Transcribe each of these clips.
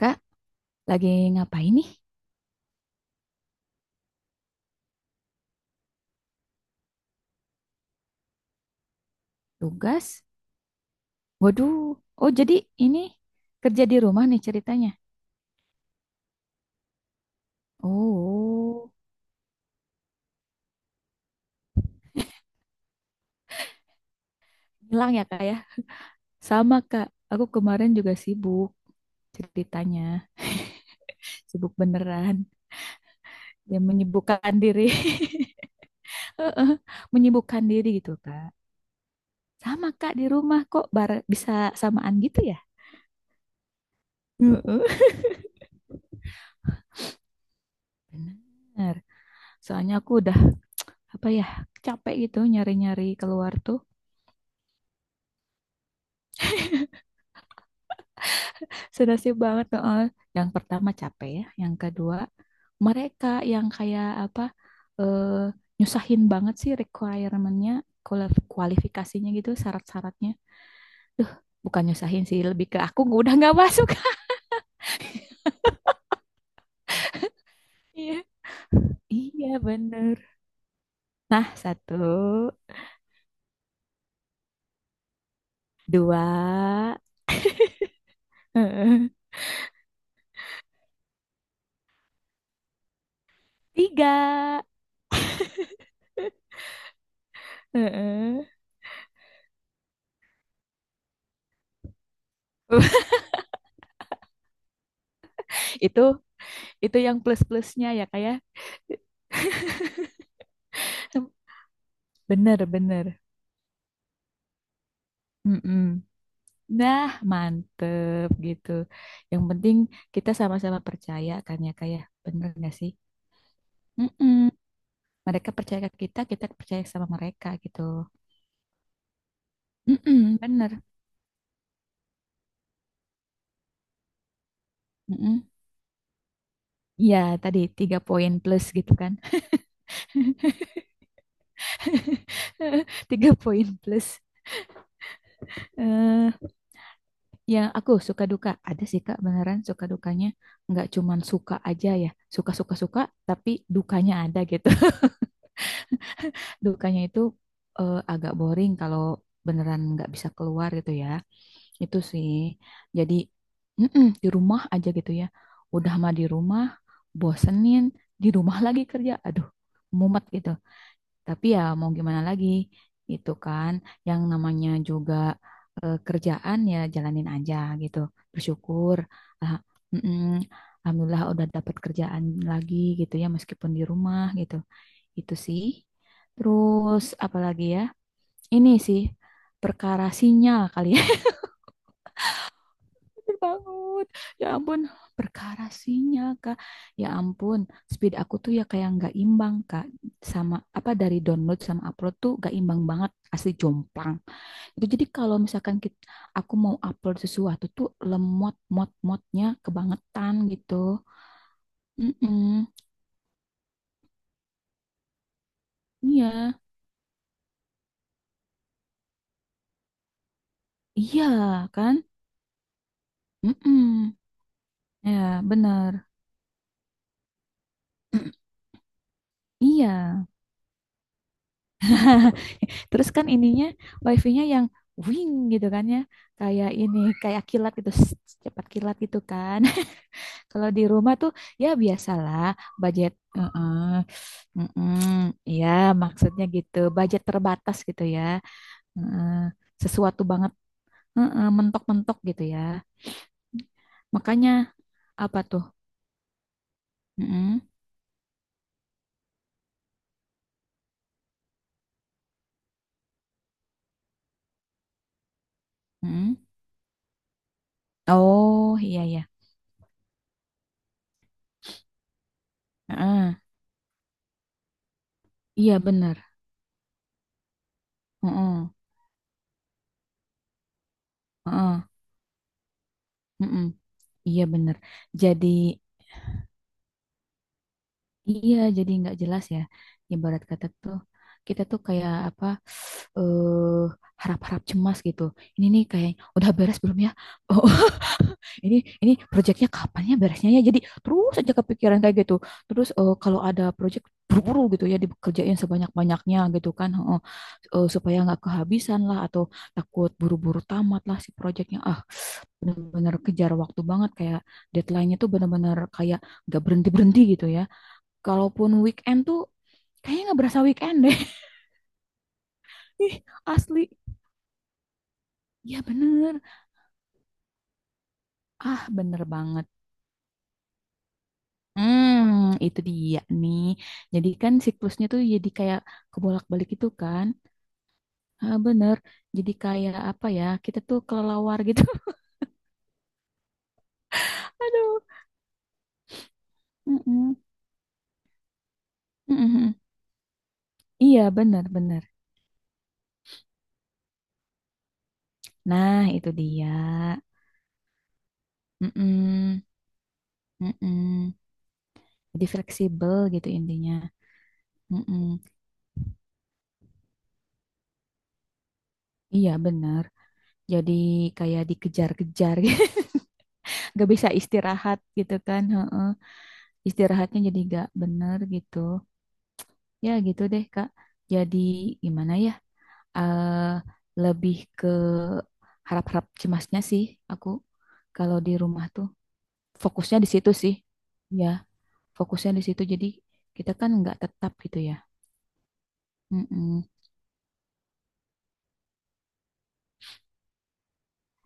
Kak, lagi ngapain nih? Tugas? Waduh. Oh, jadi ini kerja di rumah nih ceritanya. Oh, hilang ya Kak ya? Sama Kak, aku kemarin juga sibuk ceritanya. Sibuk beneran. Ya menyibukkan diri. Heeh, menyibukkan diri gitu Kak. Sama Kak di rumah kok bisa samaan gitu ya? Heeh. Bener. Soalnya aku udah apa ya, capek gitu nyari-nyari keluar tuh. Senasib banget heeh. Yang pertama capek ya, yang kedua mereka yang kayak apa, eh, nyusahin banget sih requirementnya, kualifikasinya gitu, syarat-syaratnya. Bukan nyusahin sih, lebih ke aku udah nggak masuk. Iya, iya bener. Nah satu, dua, heeh, tiga. Heeh. Itu yang plus-plusnya ya kayak, bener bener. Mm-mm. Nah, mantep gitu. Yang penting kita sama-sama percaya kan ya, kayak bener gak sih? Mm-mm. Mereka percaya ke kita, kita percaya sama mereka gitu. Mm-mm, bener. Mm-mm. Ya, tadi tiga poin plus gitu kan. Tiga poin plus. eh yang aku suka duka. Ada sih Kak, beneran suka dukanya. Nggak cuman suka aja ya. Suka-suka-suka, tapi dukanya ada gitu. Dukanya itu agak boring kalau beneran nggak bisa keluar gitu ya. Itu sih. Jadi mm-mm, di rumah aja gitu ya. Udah mah di rumah, bosenin, di rumah lagi kerja. Aduh, mumet gitu. Tapi ya mau gimana lagi? Itu kan yang namanya juga kerjaan ya jalanin aja gitu. Bersyukur. Ah, mm-mm. Alhamdulillah udah dapat kerjaan lagi gitu ya meskipun di rumah gitu. Itu sih. Terus apalagi ya? Ini sih perkara sinyal kali ya. Bangun. Ya ampun, perkara sinyal, Kak. Ya ampun, speed aku tuh ya kayak nggak imbang, Kak. Sama apa dari download sama upload tuh nggak imbang banget, asli jomplang. Itu jadi kalau misalkan aku mau upload sesuatu tuh lemot motnya kebangetan gitu. Mm-mm. Iya, iya kan? Mm-mm. Ya, bener. Iya. Terus kan ininya wifi-nya yang wing gitu kan ya. Kayak ini, kayak kilat gitu, cepat kilat gitu kan. Kalau di rumah tuh ya biasalah budget, heeh. Heeh, ya maksudnya gitu, budget terbatas gitu ya. Heeh, sesuatu banget heeh, mentok-mentok gitu ya. Makanya apa tuh? Heeh, heeh. Oh, iya ya. Heeh. Iya bener. Heeh, heeh, heeh. Iya bener. Jadi, iya, jadi nggak jelas ya. Ibarat kata tuh kita tuh kayak apa, eh harap-harap cemas gitu. Ini nih kayak udah beres belum ya? Oh, ini ini proyeknya kapan ya beresnya ya? Jadi terus aja kepikiran kayak gitu. Terus kalau ada proyek buru-buru gitu ya dikerjain sebanyak-banyaknya gitu kan. Heeh. Eh, supaya nggak kehabisan lah atau takut buru-buru tamat lah si proyeknya. Ah, bener-bener kejar waktu banget kayak deadline-nya tuh bener-bener kayak nggak berhenti-berhenti gitu ya. Kalaupun weekend tuh kayaknya nggak berasa weekend deh. Asli. Ya bener. Ah, bener banget. Hmm, itu dia nih. Jadi kan siklusnya tuh jadi kayak kebolak-balik itu kan. Ah, bener. Jadi kayak apa ya, kita tuh kelelawar gitu. Aduh. Mm-mm. Mm-mm. Iya, bener-bener. Nah, itu dia. Mm-mm. Mm-mm. Jadi fleksibel gitu intinya. Mm-mm. Iya, bener. Jadi kayak dikejar-kejar gitu, nggak bisa istirahat gitu kan heeh. Istirahatnya jadi nggak bener gitu, ya gitu deh Kak, jadi gimana ya, eh lebih ke harap-harap cemasnya sih aku kalau di rumah tuh. fokusnya di situ sih ya Fokusnya di situ jadi kita kan nggak tetap gitu ya. Mm-mm.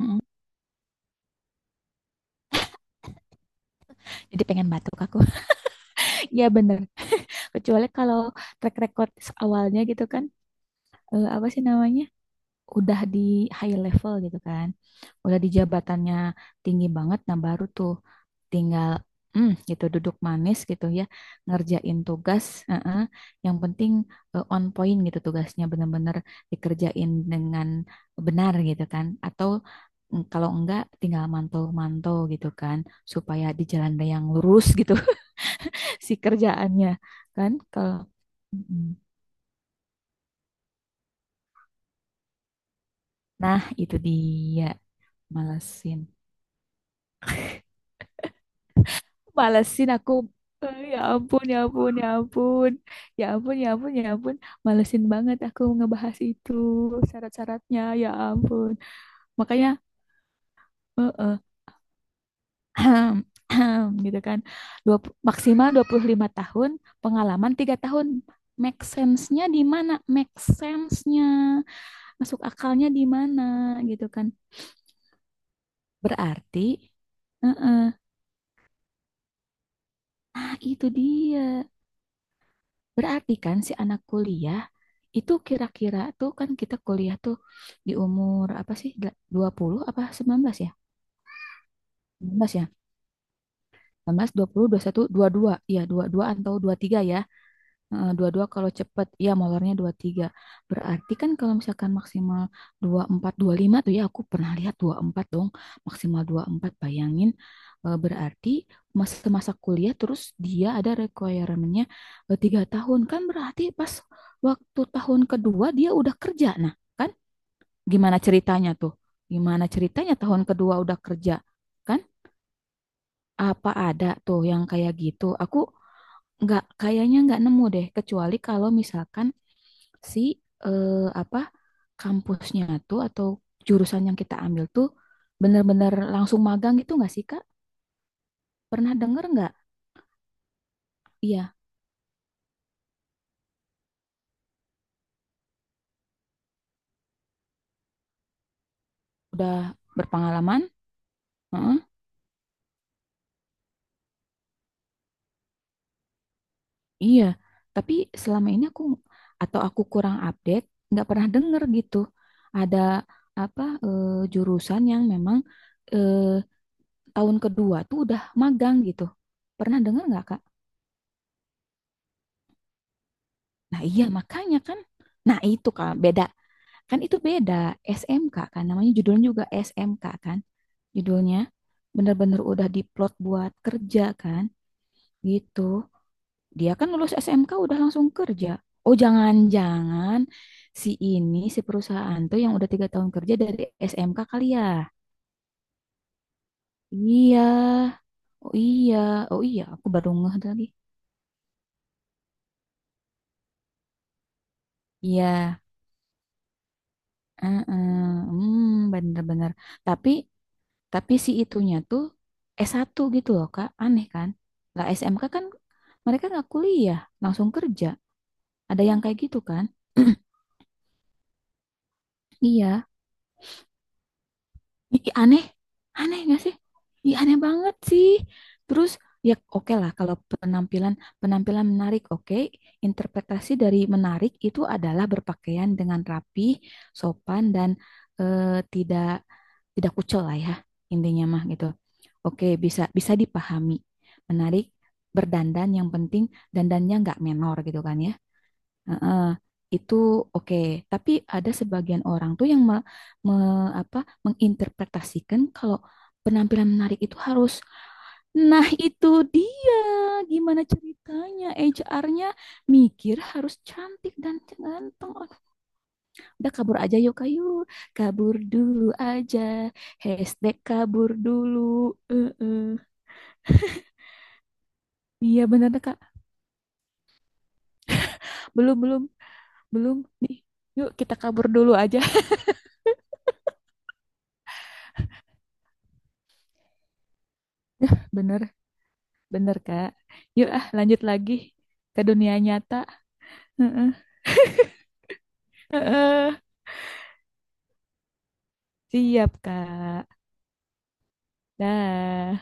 Mm-mm. Jadi pengen batuk aku. Ya bener. Kecuali kalau track record awalnya gitu kan. Eh, apa sih namanya? Udah di high level gitu kan, udah di jabatannya tinggi banget, nah baru tuh tinggal hmm, gitu duduk manis gitu ya, ngerjain tugas, eh-eh. Yang penting on point gitu tugasnya bener-bener dikerjain dengan benar gitu kan, atau mm, kalau enggak tinggal mantau-mantau gitu kan, supaya di jalan yang lurus gitu si kerjaannya kan, kalau mm, nah itu dia, malesin. Malesin aku. Eh, ya ampun, ya ampun, ya ampun. Ya ampun, ya ampun, ya ampun. Malesin banget aku ngebahas itu syarat-syaratnya. Ya ampun. Makanya eh, eh, gitu kan. Dua, maksimal 25 tahun, pengalaman 3 tahun. Make sense-nya di mana? Make sense-nya. Masuk akalnya di mana gitu kan. Berarti eh, eh, nah, itu dia. Berarti kan si anak kuliah, itu kira-kira tuh kan kita kuliah tuh di umur apa sih? Dua puluh apa 19 ya? Sembilan belas ya? Sembilan belas dua puluh satu dua 21, 22. Iya, 22 atau dua puluh tiga ya. Eh, dua puluh dua kalau cepet. Iya, molornya dua puluh tiga. Berarti kan kalau misalkan maksimal 24, lima tuh ya, aku pernah lihat 24 dong. Maksimal 24 bayangin. Eh, berarti masa masa kuliah terus dia ada requirement-nya 3 tahun. Kan berarti pas waktu tahun kedua dia udah kerja. Nah, kan gimana ceritanya tuh? Gimana ceritanya tahun kedua udah kerja? Kan apa ada tuh yang kayak gitu? Aku nggak, kayaknya nggak nemu deh, kecuali kalau misalkan si eh, apa kampusnya tuh atau jurusan yang kita ambil tuh bener-bener langsung magang gitu nggak sih Kak? Pernah denger nggak? Iya, udah berpengalaman. Heeh. Iya, tapi selama ini aku, atau aku kurang update, nggak pernah denger gitu. Ada apa jurusan yang memang eh, tahun kedua tuh udah magang gitu. Pernah denger nggak, Kak? Nah, iya makanya kan. Nah, itu Kak, beda. Kan itu beda, SMK kan namanya, judulnya juga SMK kan judulnya. Bener-bener udah diplot buat kerja kan gitu. Dia kan lulus SMK udah langsung kerja. Oh, jangan-jangan si ini, si perusahaan tuh yang udah tiga tahun kerja dari SMK kali ya? Iya, oh iya, oh iya, aku baru ngeh lagi. Iya, heeh, hmm, bener-bener. Tapi, tapi si itunya tuh S1 gitu loh, Kak. Aneh kan? Lah SMK kan mereka nggak kuliah, langsung kerja. Ada yang kayak gitu kan? Iya, ih, aneh, aneh nggak sih? Ih, aneh banget sih. Terus ya oke lah kalau penampilan penampilan menarik oke. Interpretasi dari menarik itu adalah berpakaian dengan rapi, sopan dan eh, tidak tidak kucel lah ya, intinya mah gitu. Oke, bisa, bisa dipahami. Menarik, berdandan yang penting dandannya nggak menor gitu kan ya. Heeh, itu oke. Tapi ada sebagian orang tuh yang me- apa, menginterpretasikan kalau penampilan menarik itu harus, nah itu dia, gimana ceritanya HR-nya mikir harus cantik dan ganteng. Oh, udah kabur aja yuk kayu, kabur dulu aja, hashtag kabur dulu. Eh, eh. Iya benar Kak, belum, belum, belum nih, yuk kita kabur dulu aja, bener. Bener, Kak. Yuk, ah, lanjut lagi ke dunia nyata. Heeh. Heeh. Siap, Kak. Dah.